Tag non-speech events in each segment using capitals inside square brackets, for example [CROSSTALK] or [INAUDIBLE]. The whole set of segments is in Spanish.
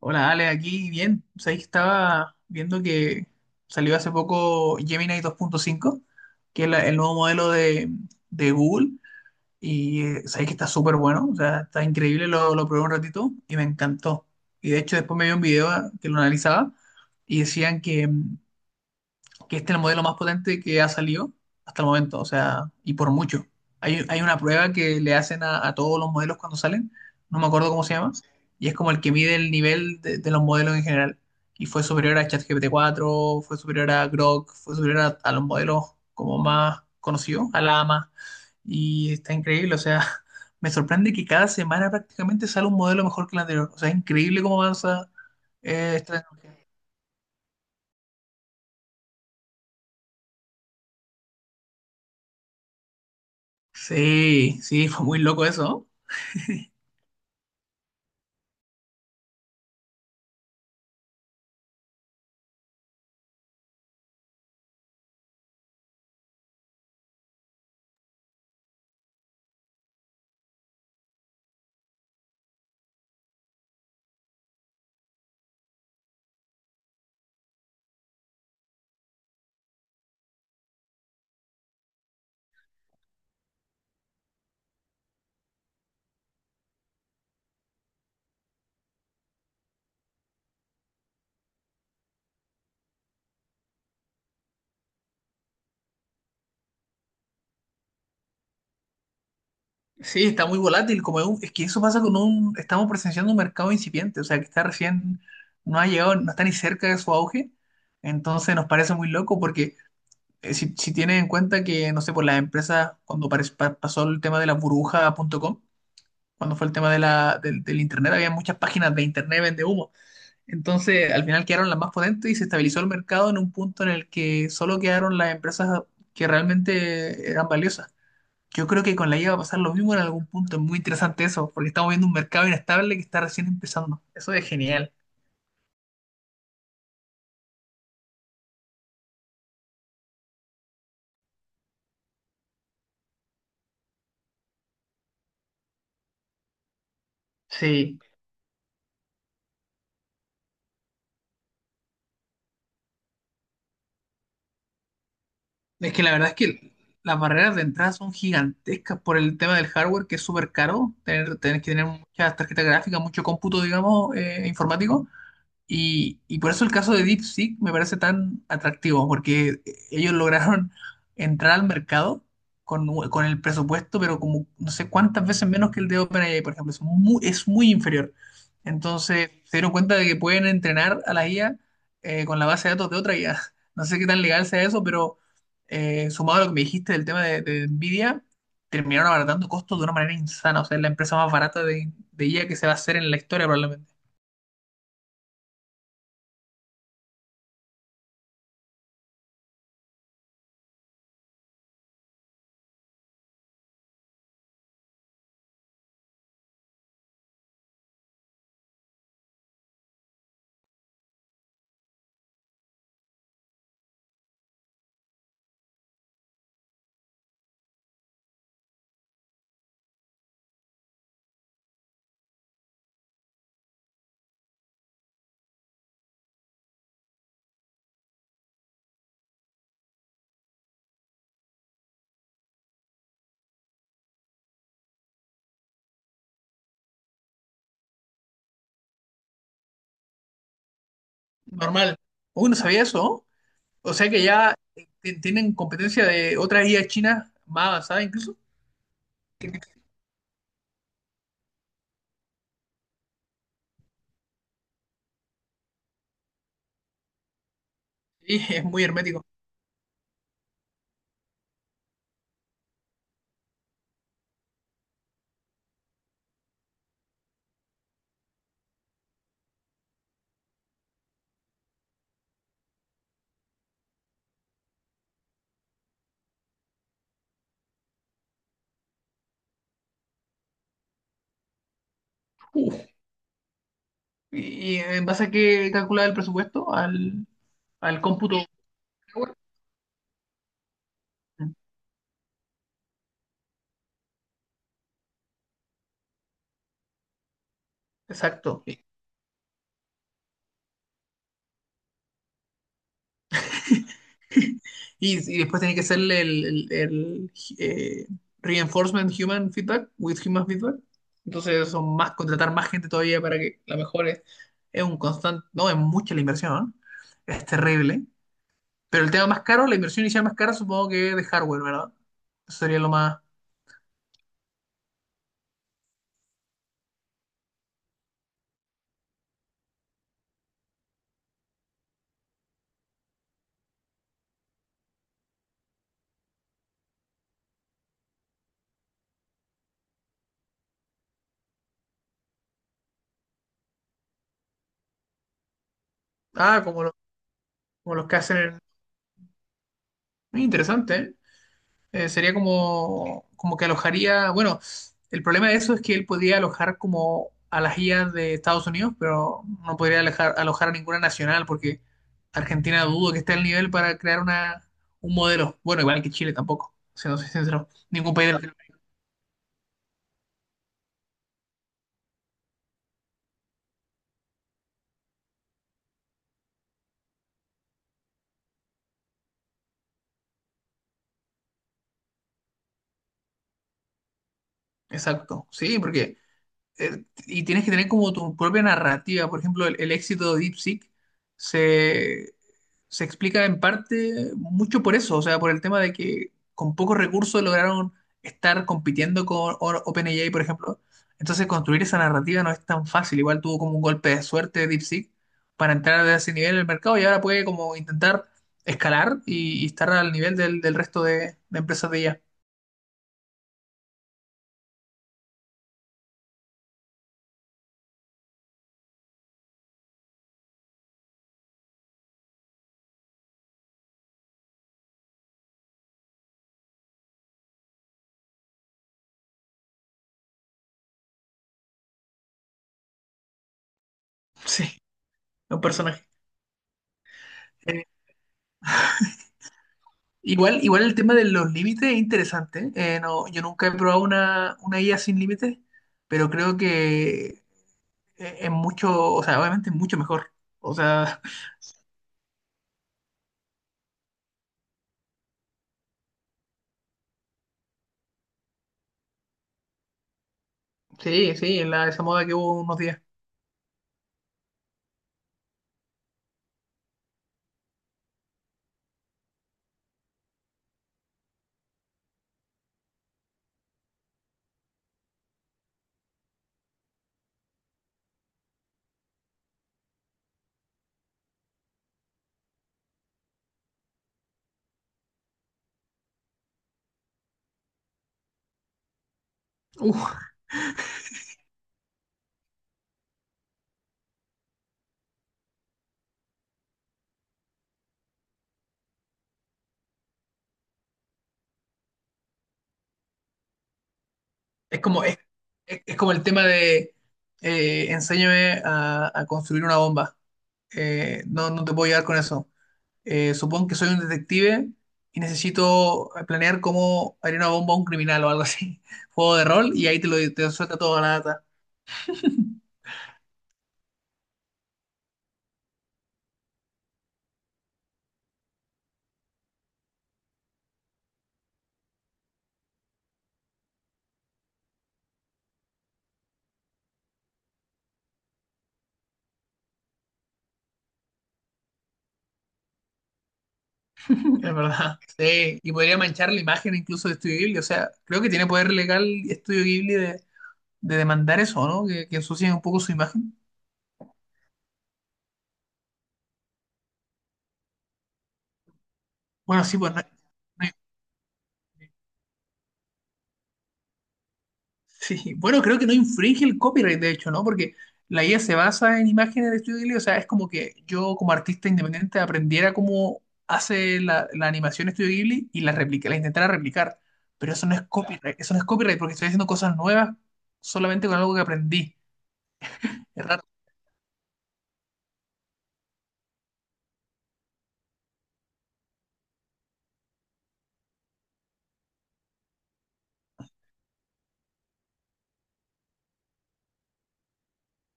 Hola, Ale, aquí bien. Sabéis que estaba viendo que salió hace poco Gemini dos punto cinco, que es el nuevo modelo de Google, y sabéis que está súper bueno, o sea, está increíble, lo probé un ratito y me encantó. Y de hecho después me vi un video que lo analizaba y decían que que este es el modelo más potente que ha salido hasta el momento, o sea, y por mucho. Hay una prueba que le hacen a todos los modelos cuando salen, no me acuerdo cómo se llama, y es como el que mide el nivel de los modelos en general. Y fue superior a ChatGPT-4, fue superior a Grok, fue superior a los modelos como más conocidos, a Llama, y está increíble, o sea, [LAUGHS] me sorprende que cada semana prácticamente sale un modelo mejor que el anterior, o sea, es increíble cómo avanza esta tecnología. Sí, sí, [LAUGHS] fue muy loco eso, ¿no? Sí, está muy volátil, como es, es que eso pasa con un, estamos presenciando un mercado incipiente, o sea, que está recién, no ha llegado, no está ni cerca de su auge, entonces nos parece muy loco porque si, si tienes en cuenta que, no sé, por las empresas, cuando pasó el tema de la burbuja punto com cuando fue el tema de del Internet, había muchas páginas de Internet vende humo, entonces al final quedaron las más potentes y se estabilizó el mercado en un punto en el que solo quedaron las empresas que realmente eran valiosas. Yo creo que con la IA va a pasar lo mismo en algún punto. Es muy interesante eso, porque estamos viendo un mercado inestable que está recién empezando. Eso es genial. Sí, es que la verdad es que las barreras de entrada son gigantescas por el tema del hardware, que es súper caro. Tener, tenés que tener muchas tarjetas gráficas, mucho cómputo, digamos, informático. Y por eso el caso de DeepSeek me parece tan atractivo, porque ellos lograron entrar al mercado con el presupuesto, pero como no sé cuántas veces menos que el de OpenAI, por ejemplo, es muy inferior. Entonces se dieron cuenta de que pueden entrenar a la IA con la base de datos de otra IA. [LAUGHS] No sé qué tan legal sea eso, pero sumado a lo que me dijiste del tema de Nvidia, terminaron abaratando costos de una manera insana. O sea, es la empresa más barata de IA que se va a hacer en la historia probablemente. Normal. Uy, no sabía eso, ¿no? O sea que ya tienen competencia de otras IA chinas más avanzadas incluso. Que- Sí, [LAUGHS] es muy hermético. Uf. Y en base a qué calcula el presupuesto? Al cómputo. Exacto. [LAUGHS] Y, y después tiene que hacerle el, eh, reinforcement human feedback with human feedback. Entonces son más, contratar más gente todavía para que la mejore. Es un constante, no, es mucha la inversión, ¿eh? Es terrible. Pero el tema más caro, la inversión inicial más cara, supongo que es de hardware, ¿verdad? Eso sería lo más. Ah, como, como los que hacen en- Muy interesante, ¿eh? Sería como, como que alojaría. Bueno, el problema de eso es que él podría alojar como a las IAs de Estados Unidos, pero no podría alojar a ninguna nacional, porque Argentina dudo que esté al nivel para crear una, un modelo. Bueno, igual que Chile tampoco, siendo sincero. Ningún país del. Exacto. Sí, porque y tienes que tener como tu propia narrativa. Por ejemplo, el éxito de DeepSeek se, se explica en parte mucho por eso, o sea, por el tema de que con pocos recursos lograron estar compitiendo con OpenAI, por ejemplo. Entonces, construir esa narrativa no es tan fácil. Igual tuvo como un golpe de suerte de DeepSeek para entrar a ese nivel en el mercado y ahora puede como intentar escalar y estar al nivel del, del resto de empresas de IA. Sí, un personaje. Igual, igual el tema de los límites es interesante. No, yo nunca he probado una IA sin límites, pero creo que es mucho, o sea, obviamente es mucho mejor. O sea, [LAUGHS] sí, sí, en la, esa moda que hubo unos días. Uf, es como, es, es como el tema de enséñame a construir una bomba. No, no te puedo ayudar con eso. Supongo que soy un detective y necesito planear cómo haría una bomba a un criminal o algo así. [LAUGHS] Juego de rol y ahí te suelta toda la data. Es verdad. [LAUGHS] Sí. Y podría manchar la imagen incluso de Estudio Ghibli. O sea, creo que tiene poder legal Estudio Ghibli de demandar eso, ¿no? Que ensucien un poco su imagen. Bueno, sí, pues no, no sí, bueno, creo que no infringe el copyright, de hecho, ¿no? Porque la IA se basa en imágenes de Studio Ghibli, o sea, es como que yo como artista independiente aprendiera cómo hace la animación Studio Ghibli y la intentara replicar. Pero eso no es Claro. copyright, eso no es copyright porque estoy haciendo cosas nuevas solamente con algo que aprendí. Es raro,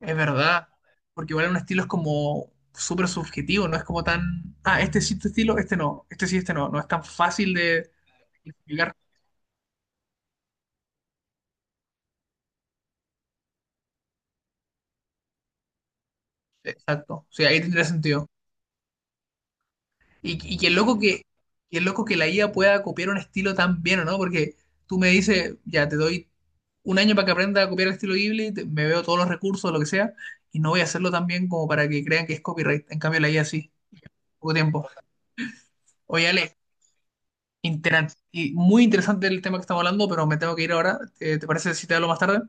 es verdad, porque igual un estilo es como súper subjetivo, no es como tan, ah, este sí, este estilo, este no, este sí, este no, no es tan fácil de explicar. Exacto, sí, ahí tendría sentido. Y, y qué loco que, qué loco que la IA pueda copiar un estilo tan bien, ¿o no? Porque tú me dices, ya te doy un año para que aprenda a copiar el estilo Ghibli, me veo todos los recursos, lo que sea, y no voy a hacerlo tan bien como para que crean que es copyright. En cambio, la IA sí, poco tiempo. Oye, Ale, muy interesante el tema que estamos hablando, pero me tengo que ir ahora. ¿Te parece si te hablo más tarde?